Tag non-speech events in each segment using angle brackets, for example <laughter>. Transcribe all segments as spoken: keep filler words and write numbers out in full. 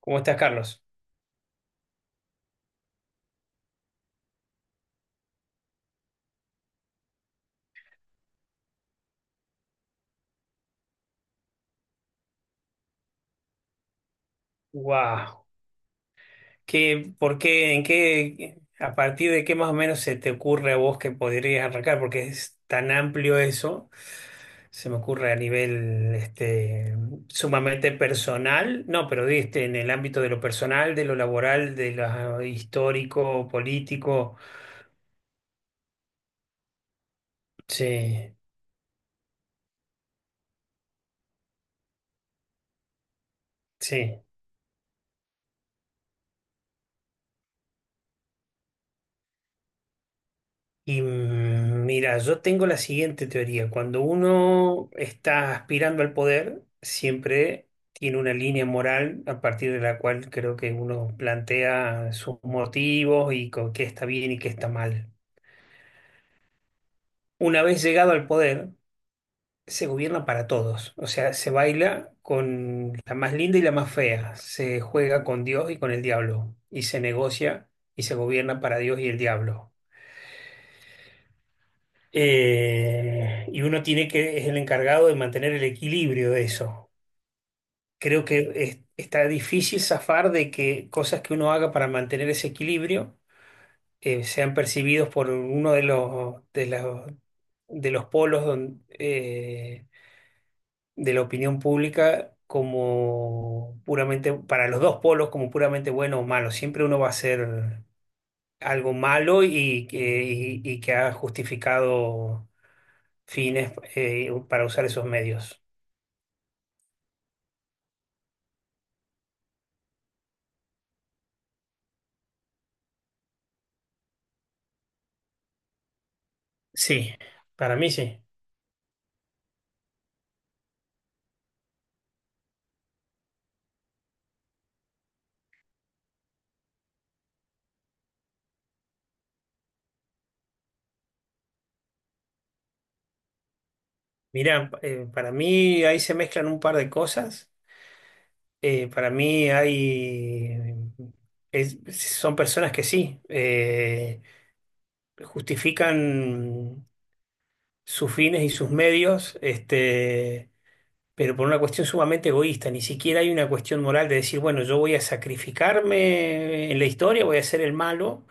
¿Cómo estás, Carlos? Wow. ¿Qué, por qué, en qué, a partir de qué más o menos se te ocurre a vos que podrías arrancar? Porque es tan amplio eso, se me ocurre a nivel este, sumamente personal, no, pero este, en el ámbito de lo personal, de lo laboral, de lo histórico, político. Sí, sí. Y mm, mira, yo tengo la siguiente teoría. Cuando uno está aspirando al poder, siempre tiene una línea moral a partir de la cual creo que uno plantea sus motivos y con qué está bien y qué está mal. Una vez llegado al poder, se gobierna para todos. O sea, se baila con la más linda y la más fea. Se juega con Dios y con el diablo. Y se negocia y se gobierna para Dios y el diablo. Eh, y uno tiene que, es el encargado de mantener el equilibrio de eso. Creo que es- está difícil zafar de que cosas que uno haga para mantener ese equilibrio eh, sean percibidos por uno de los, de los, de los polos don- eh, de la opinión pública como puramente, para los dos polos como puramente bueno o malo. Siempre uno va a hacer algo malo y que, y y que ha justificado fines eh, para usar esos medios. Sí, para mí sí. Mirá, eh, para mí ahí se mezclan un par de cosas. Eh, para mí hay... es- Son personas que sí, eh, justifican sus fines y sus medios, este, pero por una cuestión sumamente egoísta. Ni siquiera hay una cuestión moral de decir, bueno, yo voy a sacrificarme en la historia, voy a ser el malo.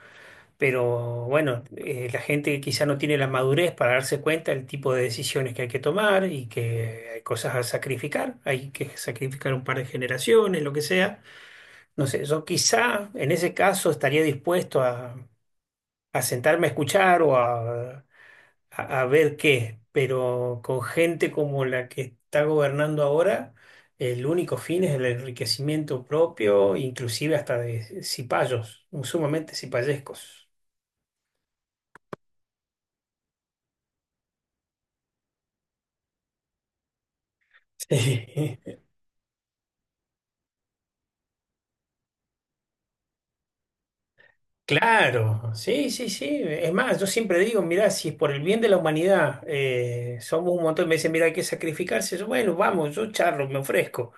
Pero bueno, eh, la gente quizá no tiene la madurez para darse cuenta del tipo de decisiones que hay que tomar y que hay cosas a sacrificar. Hay que sacrificar un par de generaciones, lo que sea. No sé, yo quizá en ese caso estaría dispuesto a, a sentarme a escuchar o a, a- a ver qué, pero con gente como la que está gobernando ahora, el único fin es el enriquecimiento propio, inclusive hasta de cipayos, sumamente cipayescos. <laughs> Claro, sí, sí, sí. Es más, yo siempre digo, mirá, si es por el bien de la humanidad, eh, somos un montón, me dicen, mirá, hay que sacrificarse. Yo, bueno, vamos, yo charlo, me ofrezco.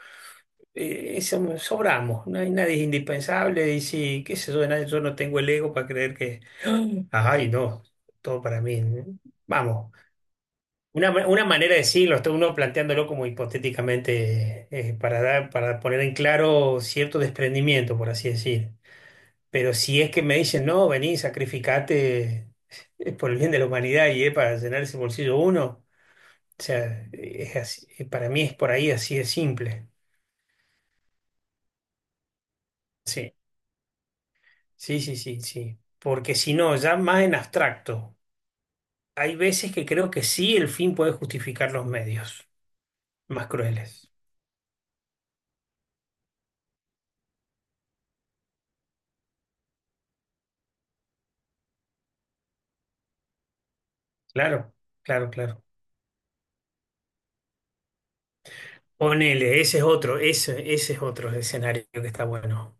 Eh, eso sobramos, no hay nadie es indispensable y sí, qué sé yo, nadie, yo no tengo el ego para creer que, ay, no, todo para mí. ¿Eh? Vamos, una, ma- una manera de decirlo, está uno planteándolo como hipotéticamente, eh, para dar, para poner en claro cierto desprendimiento, por así decir. Pero si es que me dicen, no, vení, sacrificate eh, por el bien de la humanidad y es para llenar ese bolsillo uno, o sea, es así- eh, para mí es por ahí así de simple. Sí, sí, sí, sí, sí. Porque si no, ya más en abstracto, hay veces que creo que sí el fin puede justificar los medios más crueles. Claro, claro, claro. Ponele, ese es otro, ese, ese es otro escenario que está bueno.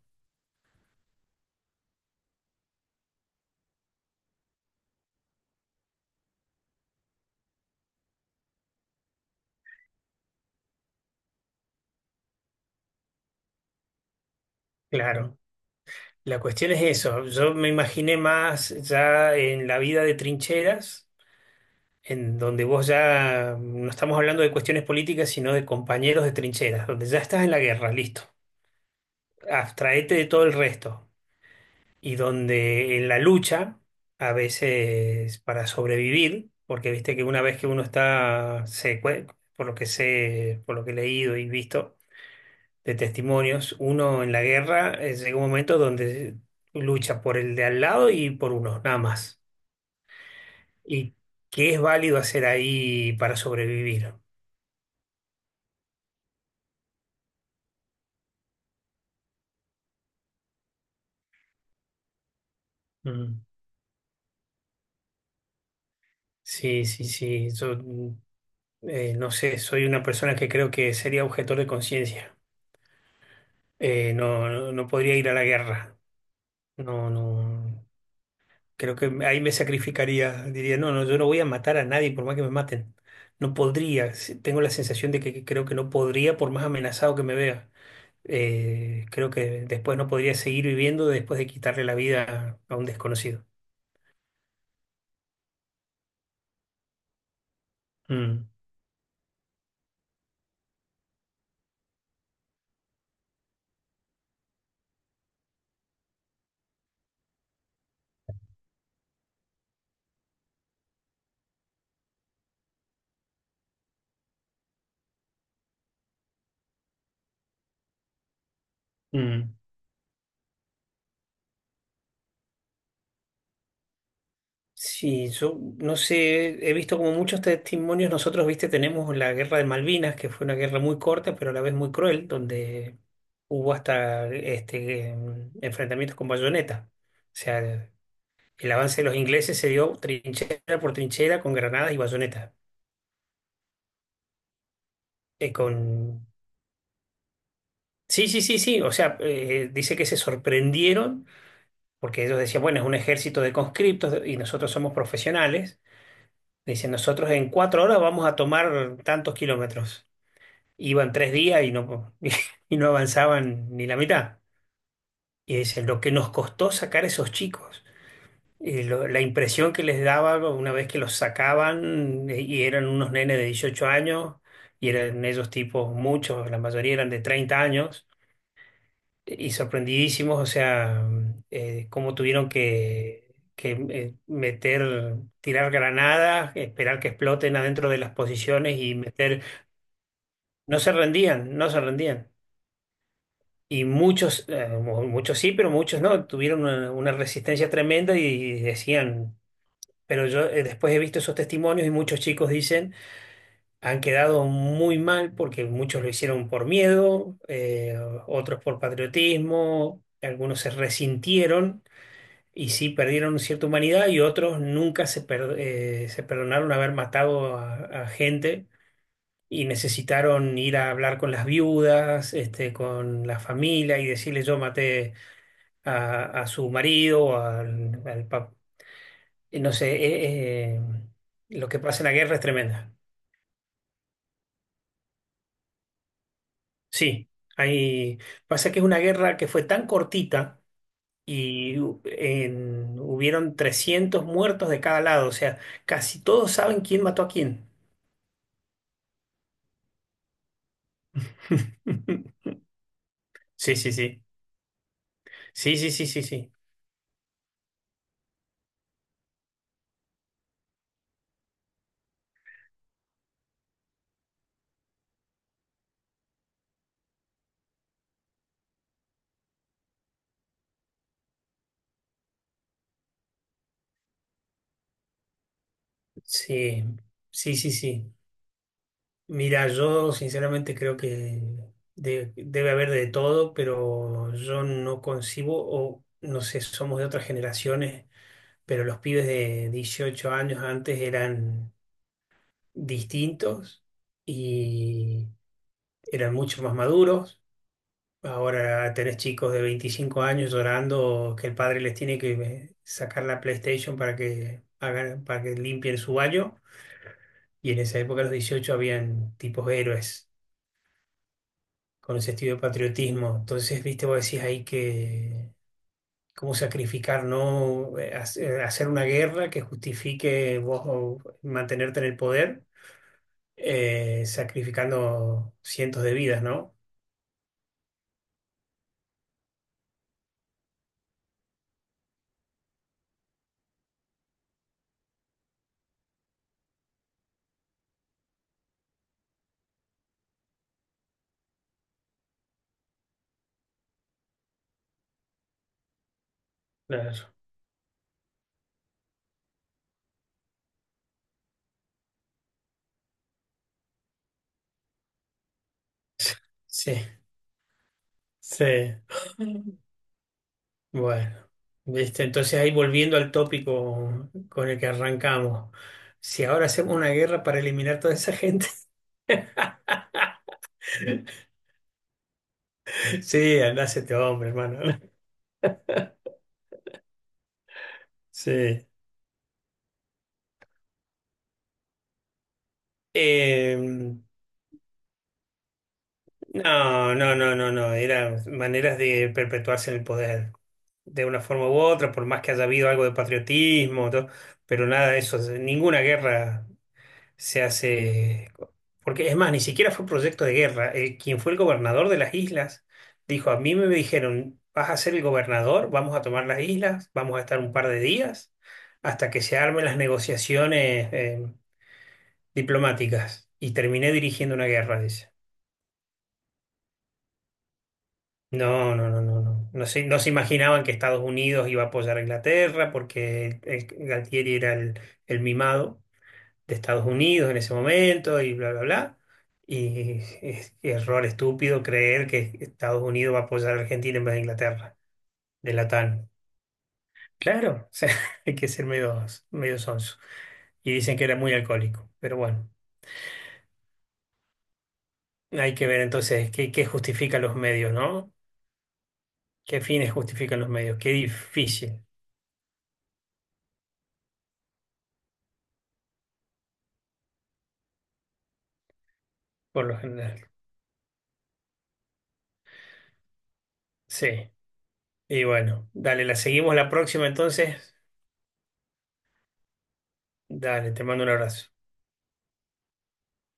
Claro. La cuestión es eso, yo me imaginé más ya en la vida de trincheras, en donde vos ya no estamos hablando de cuestiones políticas, sino de compañeros de trincheras, donde ya estás en la guerra, listo, abstraete de todo el resto, y donde en la lucha, a veces para sobrevivir, porque viste que una vez que uno está, se, cue- por lo que sé, por lo que he leído y visto, de testimonios. Uno en la guerra eh, llega un momento donde lucha por el de al lado y por uno, nada más. ¿Y qué es válido hacer ahí para sobrevivir? Mm. Sí, sí, sí. Yo mm, eh, no sé, soy una persona que creo que sería objetor de conciencia. Eh, no, no, no podría ir a la guerra. No, no. Creo que ahí me sacrificaría. Diría, no, no, yo no voy a matar a nadie por más que me maten. No podría. Sí, tengo la sensación de que que creo que no podría por más amenazado que me vea. Eh, creo que después no podría seguir viviendo después de quitarle la vida a un desconocido. Mm, mm. Sí, yo no sé, he visto como muchos testimonios, nosotros, viste, tenemos la guerra de Malvinas, que fue una guerra muy corta, pero a la vez muy cruel, donde hubo hasta este, em, enfrentamientos con bayoneta. O sea, el avance de los ingleses se dio trinchera por trinchera con granadas y bayoneta. Eh, con... Sí, sí, sí, sí, o sea, eh, dice que se sorprendieron porque ellos decían, bueno, es un ejército de conscriptos y nosotros somos profesionales. Dicen, nosotros en cuatro horas vamos a tomar tantos kilómetros. Iban tres días y no, <laughs> y no avanzaban ni la mitad. Y dicen, lo que nos costó sacar esos chicos, eh, lo- la impresión que les daba una vez que los sacaban eh, y eran unos nenes de dieciocho años y eran ellos tipos, muchos, la mayoría eran de treinta años y sorprendidísimos, o sea, eh, cómo tuvieron que, que, eh, meter, tirar granadas, esperar que exploten adentro de las posiciones y meter, no se rendían, no se rendían. Y muchos, eh, mu- muchos sí, pero muchos no, tuvieron una, una resistencia tremenda y, decían, pero yo eh, después he visto esos testimonios y muchos chicos dicen, han quedado muy mal porque muchos lo hicieron por miedo, eh, otros por patriotismo, algunos se resintieron. Y sí, perdieron cierta humanidad y otros nunca se, per- eh, se perdonaron haber matado a, a gente y necesitaron ir a hablar con las viudas, este, con la familia y decirle yo maté a, a su marido, o al, al pap- eh, no sé, eh, eh, lo que pasa en la guerra es tremenda. Sí, hay, pasa que es una guerra que fue tan cortita y hu- en- hubieron trescientos muertos de cada lado, o sea, casi todos saben quién mató a quién. <laughs> Sí, sí, sí. Sí, sí, sí, sí, sí. Sí, sí, sí, sí. Mira, yo sinceramente creo que de- debe haber de todo, pero yo no concibo, o no sé, somos de otras generaciones, pero los pibes de dieciocho años antes eran distintos y eran mucho más maduros. Ahora tenés chicos de veinticinco años llorando que el padre les tiene que eh, sacar la PlayStation para que hagan, para que limpien su baño. Y en esa época, a los dieciocho, habían tipos héroes con ese estilo de patriotismo. Entonces, viste, vos decís ahí que cómo sacrificar, ¿no? Eh, hace- Hacer una guerra que justifique vos o mantenerte en el poder, eh, sacrificando cientos de vidas, ¿no? Claro. Sí, sí. <laughs> Bueno, viste, entonces ahí volviendo al tópico con el que arrancamos. Si ahora hacemos una guerra para eliminar toda esa gente, <laughs> sí, andás este hombre, hermano. <laughs> Sí. Eh, no, no, no, no, no. Eran maneras de perpetuarse en el poder, de una forma u otra, por más que haya habido algo de patriotismo, todo, pero nada de eso, ninguna guerra se hace, porque es más, ni siquiera fue proyecto de guerra. El- quien fue el gobernador de las islas dijo, a mí me dijeron, vas a ser el gobernador, vamos a tomar las islas, vamos a estar un par de días hasta que se armen las negociaciones eh, diplomáticas. Y terminé dirigiendo una guerra, dice. No, no, no, no, no. No se, no se imaginaban que Estados Unidos iba a apoyar a Inglaterra porque el- el Galtieri era el, el mimado de Estados Unidos en ese momento y bla, bla, bla. Y es error estúpido creer que Estados Unidos va a apoyar a Argentina en vez de Inglaterra, de la TAN. Claro, o sea, <laughs> hay que ser medio, medio sonso. Y dicen que era muy alcohólico, pero bueno, hay que ver entonces qué, qué justifican los medios, ¿no? ¿Qué fines justifican los medios? Qué difícil, por lo general. Sí, y bueno, dale, la seguimos la próxima entonces. Dale, te mando un abrazo.